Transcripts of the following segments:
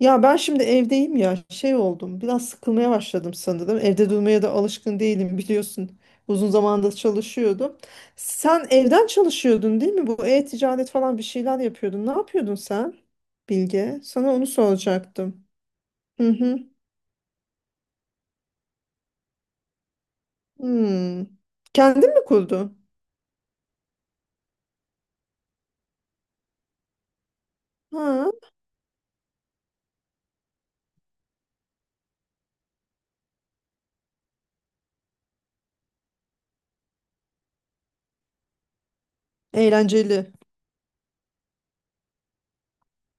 Ya ben şimdi evdeyim ya şey oldum biraz sıkılmaya başladım sanırım. Evde durmaya da alışkın değilim biliyorsun. Uzun zamandır çalışıyordum. Sen evden çalışıyordun değil mi? Bu e-ticaret falan bir şeyler yapıyordun. Ne yapıyordun sen Bilge? Sana onu soracaktım. Hı hı. Hmm. Kendin mi kurdun? Ha, eğlenceli.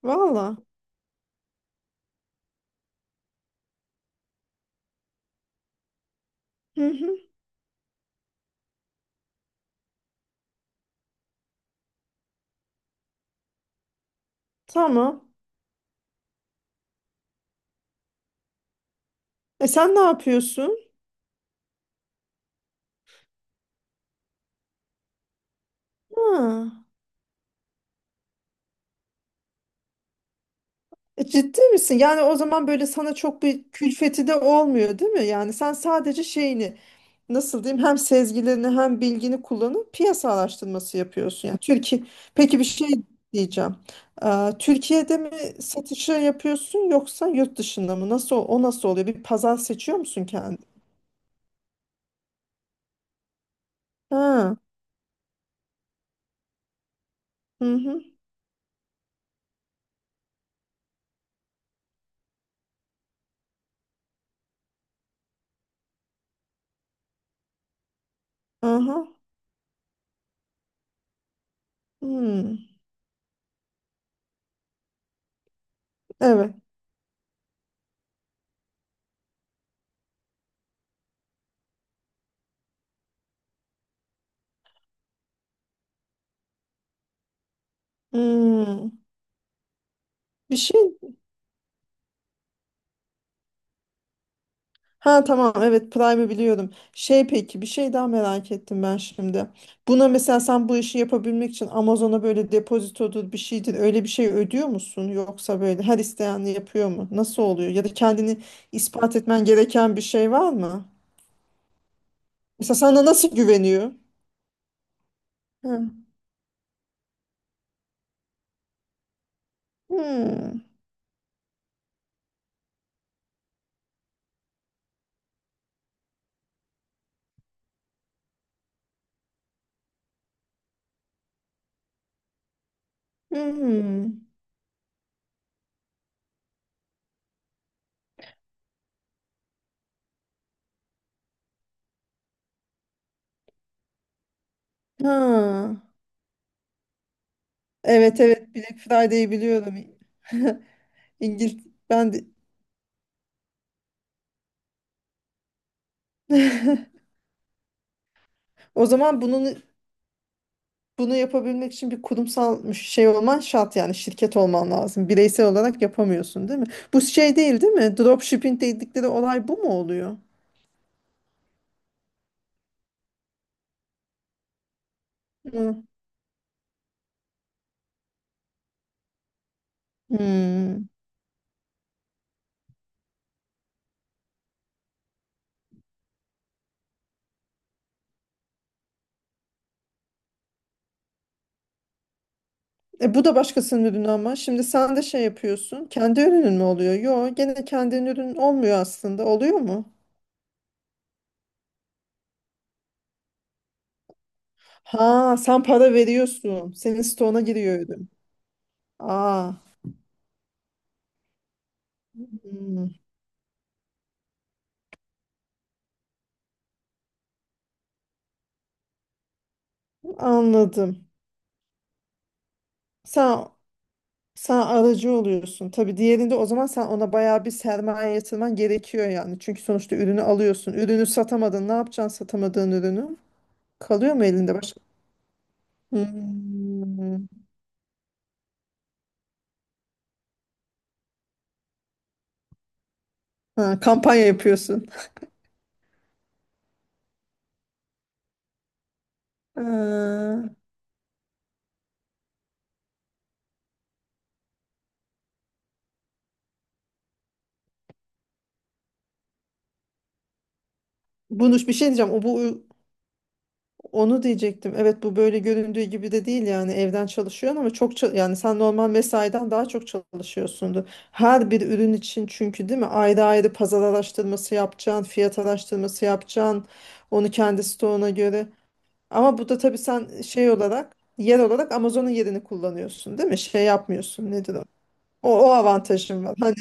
Valla. Hı hı. Tamam. E sen ne yapıyorsun? Ha. E, ciddi misin? Yani o zaman böyle sana çok bir külfeti de olmuyor, değil mi? Yani sen sadece şeyini nasıl diyeyim, hem sezgilerini hem bilgini kullanıp piyasa araştırması yapıyorsun. Yani Türkiye peki bir şey diyeceğim. Türkiye'de mi satışı yapıyorsun yoksa yurt dışında mı? Nasıl o nasıl oluyor? Bir pazar seçiyor musun kendi? Ha. Hı hı. Aha. Hmm. Evet. Hmm. Bir şey. Ha, tamam, evet, Prime'ı biliyorum. Şey peki bir şey daha merak ettim ben şimdi. Buna mesela sen bu işi yapabilmek için Amazon'a böyle depozitodur bir şeydir öyle bir şey ödüyor musun? Yoksa böyle her isteyen yapıyor mu? Nasıl oluyor? Ya da kendini ispat etmen gereken bir şey var mı? Mesela sana nasıl güveniyor? Ha. Hmm. Hmm. Ha. Evet, evet, Black Friday'i biliyorum. İngiliz ben de. O zaman Bunu yapabilmek için bir kurumsal şey olman şart, yani şirket olman lazım. Bireysel olarak yapamıyorsun değil mi? Bu şey değil değil mi? Dropshipping dedikleri olay bu mu oluyor? Hı. Hmm. E bu da başkasının ürünü ama. Şimdi sen de şey yapıyorsun. Kendi ürünün mü oluyor? Yok, gene kendinin ürün olmuyor aslında. Oluyor mu? Ha, sen para veriyorsun. Senin stoğuna giriyor ürün. Aa, hmm, anladım. Sen Sen aracı oluyorsun. Tabii diğerinde o zaman sen ona bayağı bir sermaye yatırman gerekiyor yani. Çünkü sonuçta ürünü alıyorsun. Ürünü satamadın. Ne yapacaksın satamadığın ürünü? Kalıyor mu elinde başka? Hmm. Ha, kampanya yapıyorsun. Ee, Bunu bir şey diyeceğim. O bu Onu diyecektim. Evet, bu böyle göründüğü gibi de değil, yani evden çalışıyorsun ama yani sen normal mesaiden daha çok çalışıyorsundur. Her bir ürün için çünkü değil mi? Ayrı ayrı pazar araştırması yapacaksın, fiyat araştırması yapacaksın. Onu kendi stoğuna göre. Ama bu da tabii sen şey olarak yer olarak Amazon'un yerini kullanıyorsun değil mi? Şey yapmıyorsun, nedir o? O, o avantajın var. Hani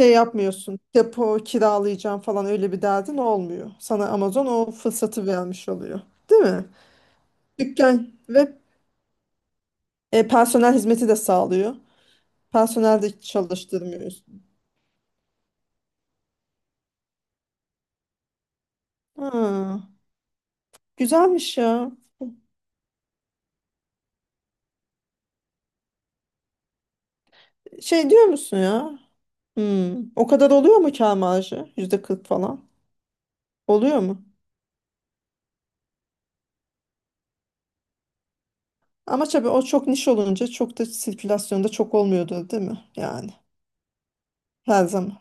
şey yapmıyorsun depo kiralayacağım falan öyle bir derdin olmuyor. Sana Amazon o fırsatı vermiş oluyor. Değil mi? Dükkan ve personel hizmeti de sağlıyor. Personel de çalıştırmıyoruz. Ha, güzelmiş ya. Şey diyor musun ya? Hmm, o kadar oluyor mu kâr marjı? %40 falan. Oluyor mu? Ama tabii o çok niş olunca çok da sirkülasyonda çok olmuyordur değil mi? Yani her zaman.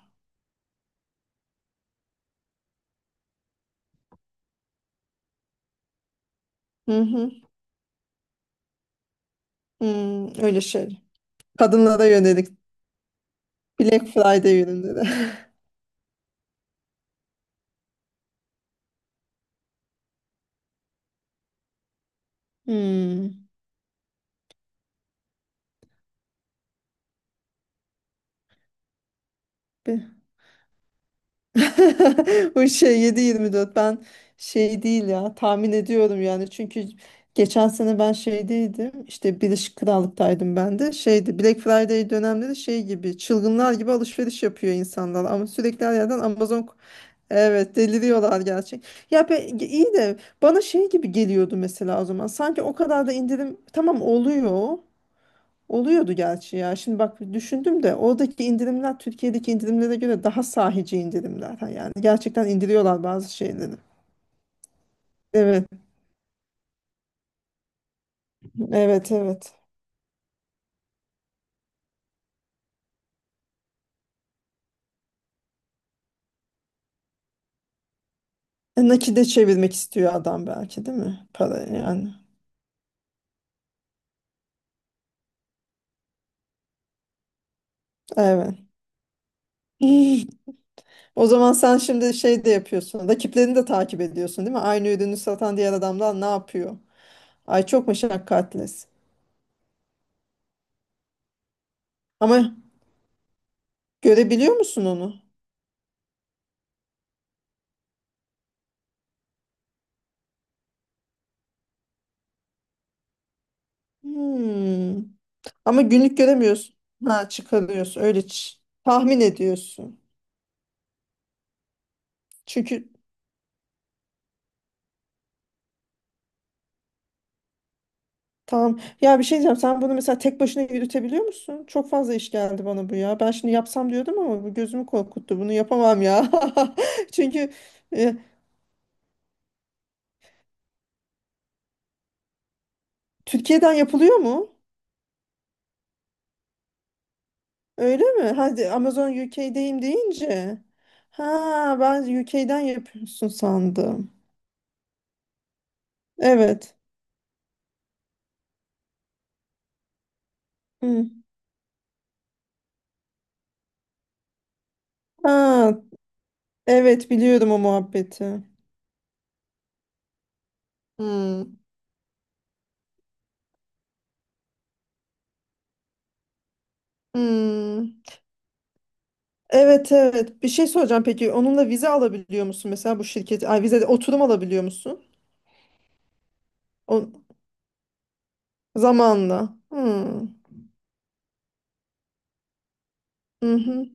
Hı hı. Hmm, öyle şey. Kadınlara yönelik Black Friday ürünleri. Hmm. O şey 7-24, ben şey değil ya tahmin ediyorum, yani çünkü geçen sene ben şeydeydim işte, Birleşik Krallık'taydım, ben de şeydi Black Friday dönemleri, şey gibi çılgınlar gibi alışveriş yapıyor insanlar ama sürekli her yerden Amazon. Evet, deliriyorlar gerçek. Ya be, iyi de bana şey gibi geliyordu mesela o zaman, sanki o kadar da indirim tamam oluyor. Oluyordu gerçi ya. Şimdi bak düşündüm de oradaki indirimler Türkiye'deki indirimlere göre daha sahici indirimler. Ha, yani gerçekten indiriyorlar bazı şeyleri. Evet, evet, evet. E, nakite çevirmek istiyor adam belki değil mi? Para yani. Evet. O zaman sen şimdi şey de yapıyorsun. Rakiplerini de takip ediyorsun değil mi? Aynı ürünü satan diğer adamlar ne yapıyor? Ay çok meşakkatlis. Ama görebiliyor musun onu? Hmm. Ama günlük göremiyorsun. Ha, çıkarıyorsun. Öyle tahmin ediyorsun. Çünkü tamam. Ya bir şey diyeceğim. Sen bunu mesela tek başına yürütebiliyor musun? Çok fazla iş geldi bana bu ya. Ben şimdi yapsam diyordum ama bu gözümü korkuttu. Bunu yapamam ya. Çünkü e, Türkiye'den yapılıyor mu? Öyle mi? Hadi Amazon UK'deyim deyince. Ha, ben UK'den yapıyorsun sandım. Evet. Hı. Ha, evet, biliyorum o muhabbeti. Hı. Hmm. Evet, evet. Bir şey soracağım peki. Onunla vize alabiliyor musun mesela bu şirket? Ay vize de oturum alabiliyor musun? O zamanla. Hmm. Hı hı.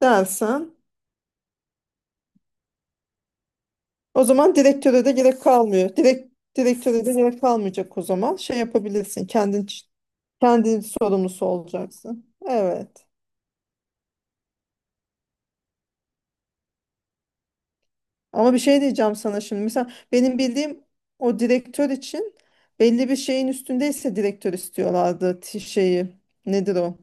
Dersen. O zaman direktöre de gerek kalmıyor. Direktöre de gerek kalmayacak o zaman. Şey yapabilirsin. Kendin sorumlusu olacaksın. Evet. Ama bir şey diyeceğim sana şimdi. Mesela benim bildiğim o direktör için belli bir şeyin üstündeyse direktör istiyorlardı şeyi. Nedir o?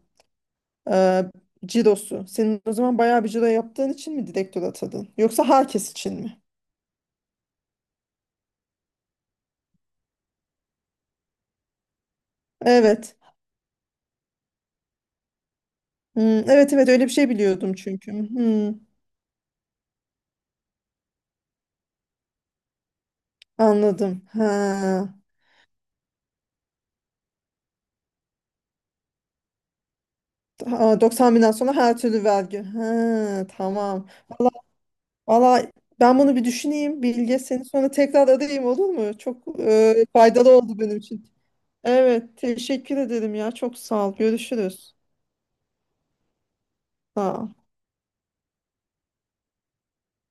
e, Cirosu. Senin o zaman bayağı bir ciro yaptığın için mi direktör atadın? Yoksa herkes için mi? Evet. Hmm, evet, evet, öyle bir şey biliyordum çünkü. Hmm, anladım. Ha. Ha, 90 binden sonra her türlü vergi. Ha, tamam. Valla valla ben bunu bir düşüneyim Bilge. Seni sonra tekrar arayayım olur mu? Çok faydalı oldu benim için. Evet, teşekkür ederim ya. Çok sağ ol. Görüşürüz. Sağ ol.